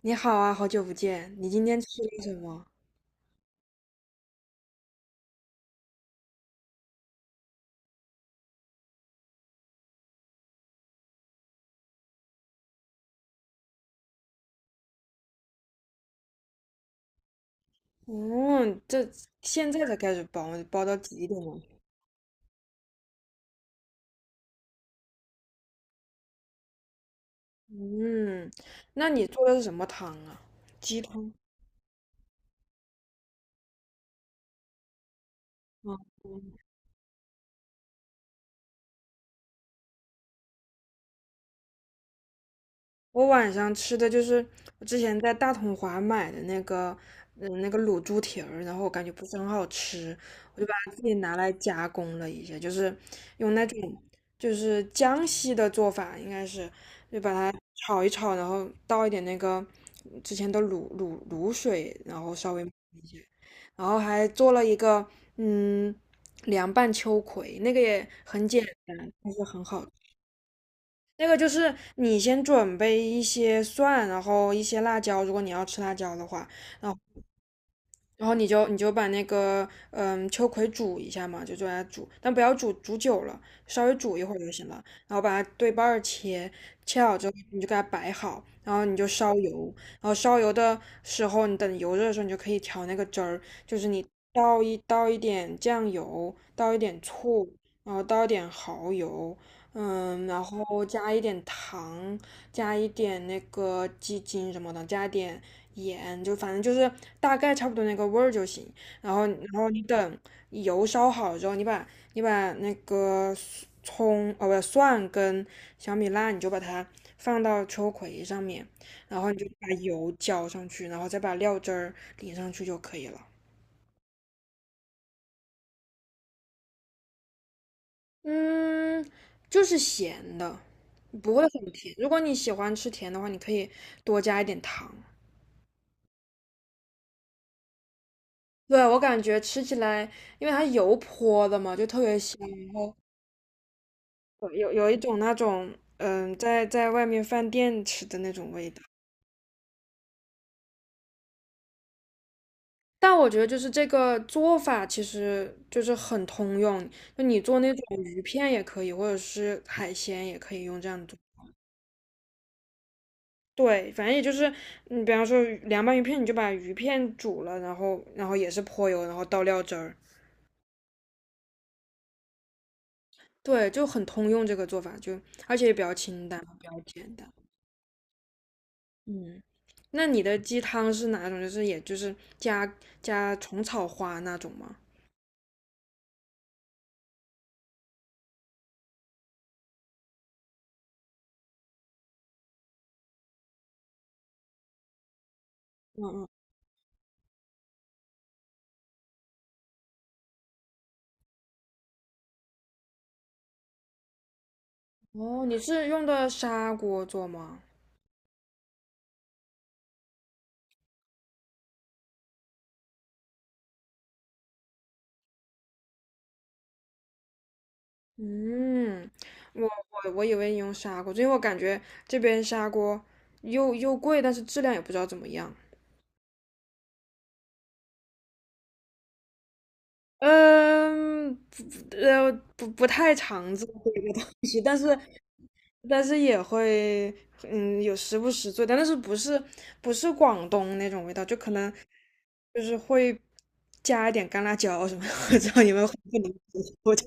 你好啊，好久不见，你今天吃了什么？嗯，这现在才开始包，煲到几点了？嗯，那你做的是什么汤啊？鸡汤。我晚上吃的就是我之前在大统华买的那个，那个卤猪蹄儿，然后我感觉不是很好吃，我就把它自己拿来加工了一下，就是用那种就是江西的做法，应该是就把它炒一炒，然后倒一点那个之前的卤水，然后稍微焖一下，然后还做了一个嗯凉拌秋葵，那个也很简单，但是很好。那个就是你先准备一些蒜，然后一些辣椒，如果你要吃辣椒的话，然后。然后你就把那个秋葵煮一下嘛，就来煮，但不要煮久了，稍微煮一会儿就行了。然后把它对半儿切，切好之后你就给它摆好，然后你就烧油，然后烧油的时候，你等油热的时候，你就可以调那个汁儿，就是你倒一点酱油，倒一点醋，然后倒一点蚝油，然后加一点糖，加一点那个鸡精什么的，加一点盐，就反正就是大概差不多那个味儿就行。然后你等油烧好之后，你把那个葱，哦不，蒜跟小米辣，你就把它放到秋葵上面，然后你就把油浇上去，然后再把料汁儿淋上去就可以了。嗯，就是咸的，不会很甜。如果你喜欢吃甜的话，你可以多加一点糖。对，我感觉吃起来，因为它油泼的嘛，就特别香。有一种那种在外面饭店吃的那种味道。但我觉得就是这个做法其实就是很通用，就你做那种鱼片也可以，或者是海鲜也可以用这样做。对，反正也就是你比方说凉拌鱼片，你就把鱼片煮了，然后也是泼油，然后倒料汁儿。对，就很通用这个做法，就而且也比较清淡，比较简单。嗯，那你的鸡汤是哪种？就是也就是加虫草花那种吗？嗯哦，你是用的砂锅做吗？嗯，我我以为你用砂锅做，因为我感觉这边砂锅又贵，但是质量也不知道怎么样。嗯，不不呃不太常做这个东西，但是也会有时不时做，但是不是广东那种味道，就可能就是会加一点干辣椒什么的，我知道你们会不能接受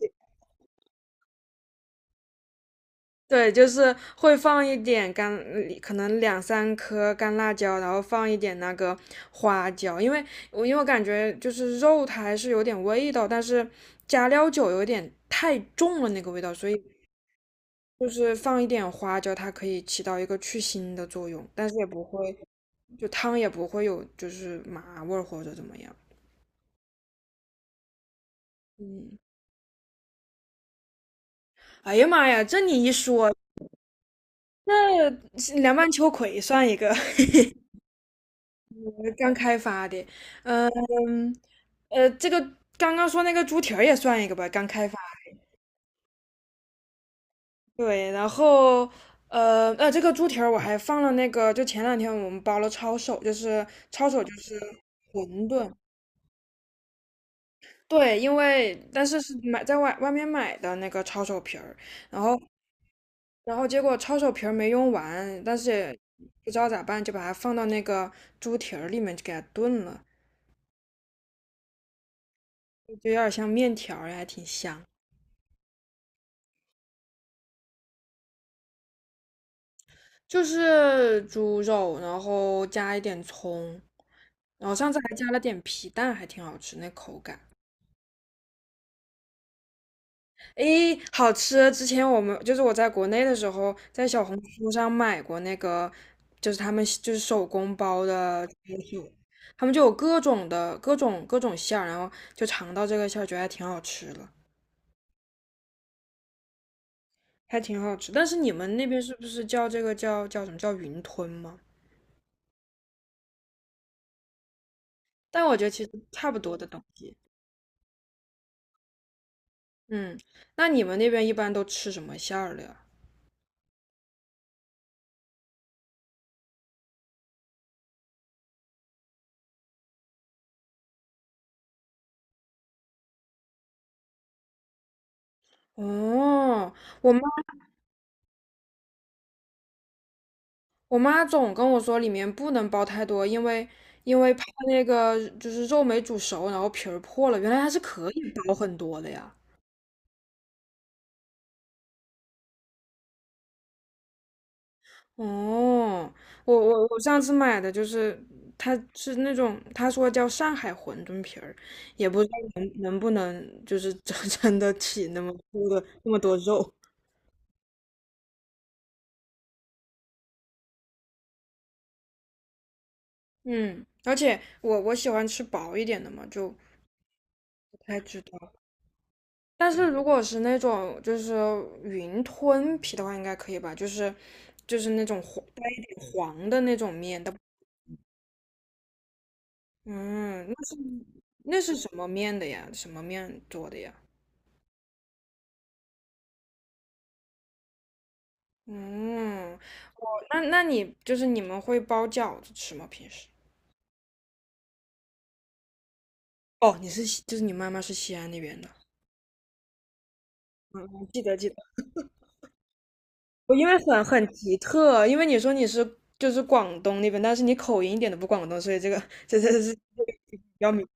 对，就是会放一点干，可能两三颗干辣椒，然后放一点那个花椒，因为我感觉就是肉它还是有点味道，但是加料酒有点太重了那个味道，所以就是放一点花椒，它可以起到一个去腥的作用，但是也不会，就汤也不会有就是麻味儿或者怎么样。嗯，哎呀妈呀，这你一说，那凉拌秋葵算一个。刚开发的，嗯，这个刚刚说那个猪蹄儿也算一个吧，刚开发。对，然后这个猪蹄儿我还放了那个，就前两天我们包了抄手，就是抄手就是馄饨。对，因为但是是买在外面买的那个抄手皮儿，然后然后结果抄手皮儿没用完，但是也不知道咋办，就把它放到那个猪蹄儿里面就给它炖了，就有点像面条儿还挺香。就是猪肉，然后加一点葱，然后上次还加了点皮蛋，还挺好吃，那口感，诶，好吃！之前我们就是我在国内的时候，在小红书上买过那个，就是他们就是手工包的猪手，他们就有各种的各种各种馅儿，然后就尝到这个馅儿，觉得还挺好吃的，还挺好吃。但是你们那边是不是叫这个叫什么叫云吞吗？但我觉得其实差不多的东西。嗯，那你们那边一般都吃什么馅儿的呀？哦，我妈我妈总跟我说里面不能包太多，因为怕那个就是肉没煮熟，然后皮儿破了。原来还是可以包很多的呀。哦，我上次买的就是，它是那种他说叫上海馄饨皮儿，也不知道能不能就是 真的起那么多肉。嗯，而且我喜欢吃薄一点的嘛，就不太知道。但是如果是那种就是云吞皮的话，应该可以吧？就是那种黄带一点黄的那种面的，嗯，那是那是什么面的呀？什么面做的呀？嗯，那那你就是你们会包饺子吃吗？平时？哦，你是就是你妈妈是西安那边的，嗯，嗯记得记得，我因为很奇特，因为你说你是就是广东那边，但是你口音一点都不广东，所以这个比较明。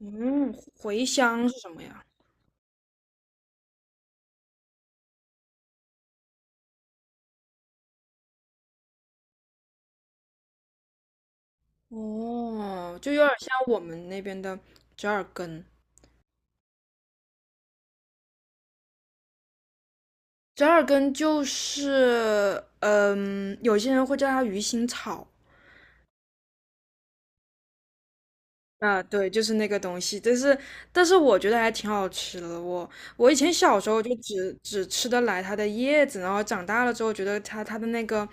嗯，茴香是什么呀？哦，就有点像我们那边的折耳根。折耳根就是，有些人会叫它鱼腥草。啊，对，就是那个东西，但是我觉得还挺好吃的。我以前小时候就只吃得来它的叶子，然后长大了之后觉得它的那个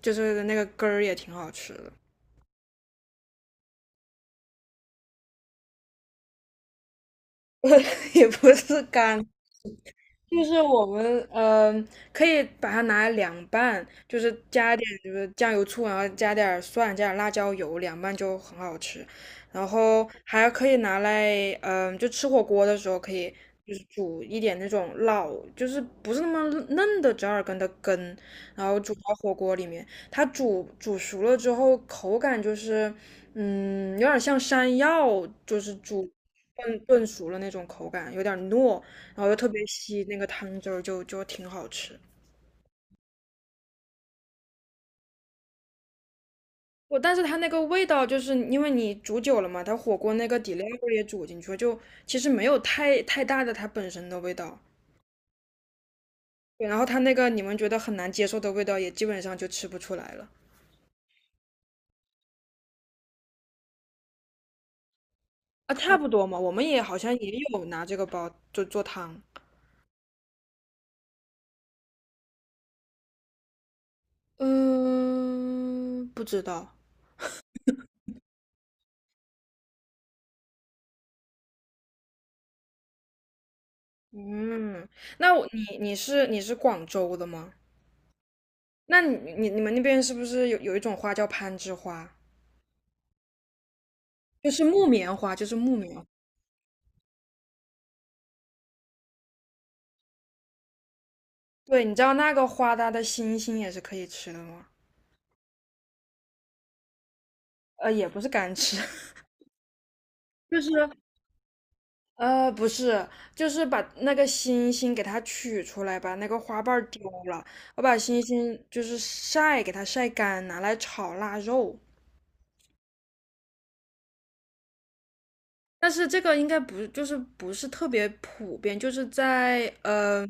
就是那个根儿也挺好吃的，也不是干。就是我们可以把它拿来凉拌，就是加一点就是酱油醋，然后加点儿蒜，加点儿辣椒油，凉拌就很好吃。然后还可以拿来，就吃火锅的时候可以，就是煮一点那种老，就是不是那么嫩的折耳根的根，然后煮到火锅里面。它煮熟了之后，口感就是，有点像山药，就是煮炖熟了那种口感，有点糯。然后又特别稀，那个汤汁儿就挺好吃。我但是它那个味道，就是因为你煮久了嘛，它火锅那个底料也煮进去了，就其实没有太大的它本身的味道。对，然后它那个你们觉得很难接受的味道，也基本上就吃不出来了啊，差不多嘛。我们也好像也有拿这个包就做汤，嗯，不知道。嗯，那你是广州的吗？那你们那边是不是有一种花叫攀枝花？就是木棉花，就是木棉花对，你知道那个花它的心心也是可以吃的吗？也不是干吃，就是不是，就是把那个心心给它取出来，把那个花瓣儿丢了，我把心心就是晒，给它晒干，拿来炒腊肉。但是这个应该不就是不是特别普遍，就是在嗯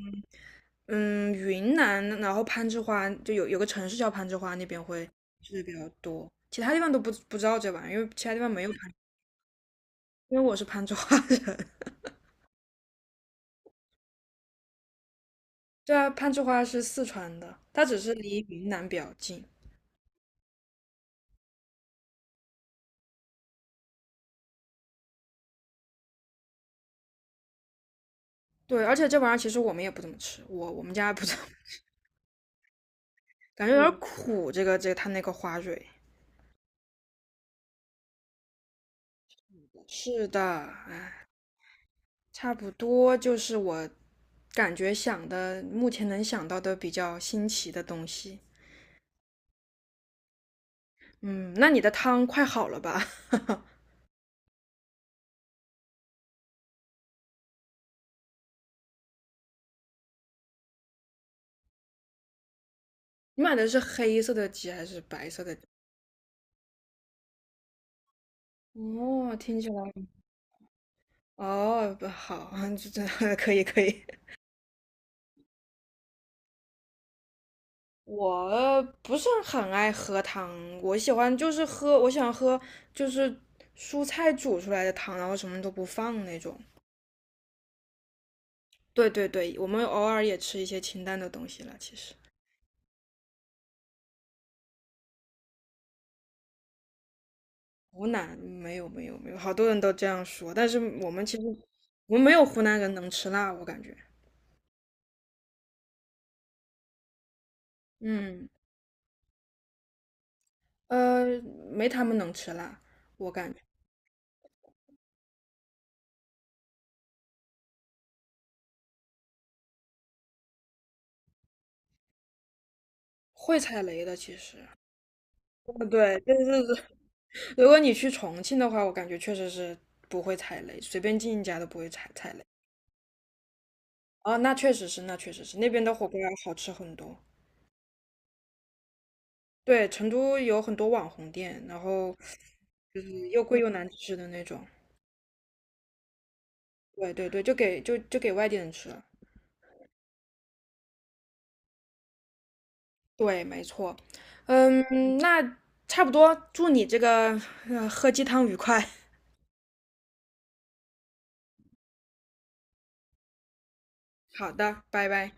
嗯云南，然后攀枝花就有个城市叫攀枝花，那边会吃的比较多，其他地方都不知道这玩意儿，因为其他地方没有攀，因为我是攀枝花人。对啊，攀枝花是四川的，它只是离云南比较近。对，而且这玩意儿其实我们也不怎么吃，我们家不怎么，感觉有点苦，这个它那个花蕊。是的，哎。差不多就是我感觉想的，目前能想到的比较新奇的东西。嗯，那你的汤快好了吧？你买的是黑色的鸡还是白色的鸡哦，听起来哦，不好，这可以可以。我不是很爱喝汤，我喜欢就是喝，我喜欢喝就是蔬菜煮出来的汤，然后什么都不放那种。对对对，我们偶尔也吃一些清淡的东西了，其实。湖南没有没有没有，好多人都这样说，但是我们其实我们没有湖南人能吃辣，我感觉，嗯，呃，没他们能吃辣，我感觉会踩雷的，其实，对，就是如果你去重庆的话，我感觉确实是不会踩雷，随便进一家都不会踩雷。啊，那确实是，那确实是，那边的火锅要好吃很多。对，成都有很多网红店，然后就是又贵又难吃的那种。对对对，就给外地人吃了。对，没错。嗯，那差不多，祝你这个，喝鸡汤愉快。好的，拜拜。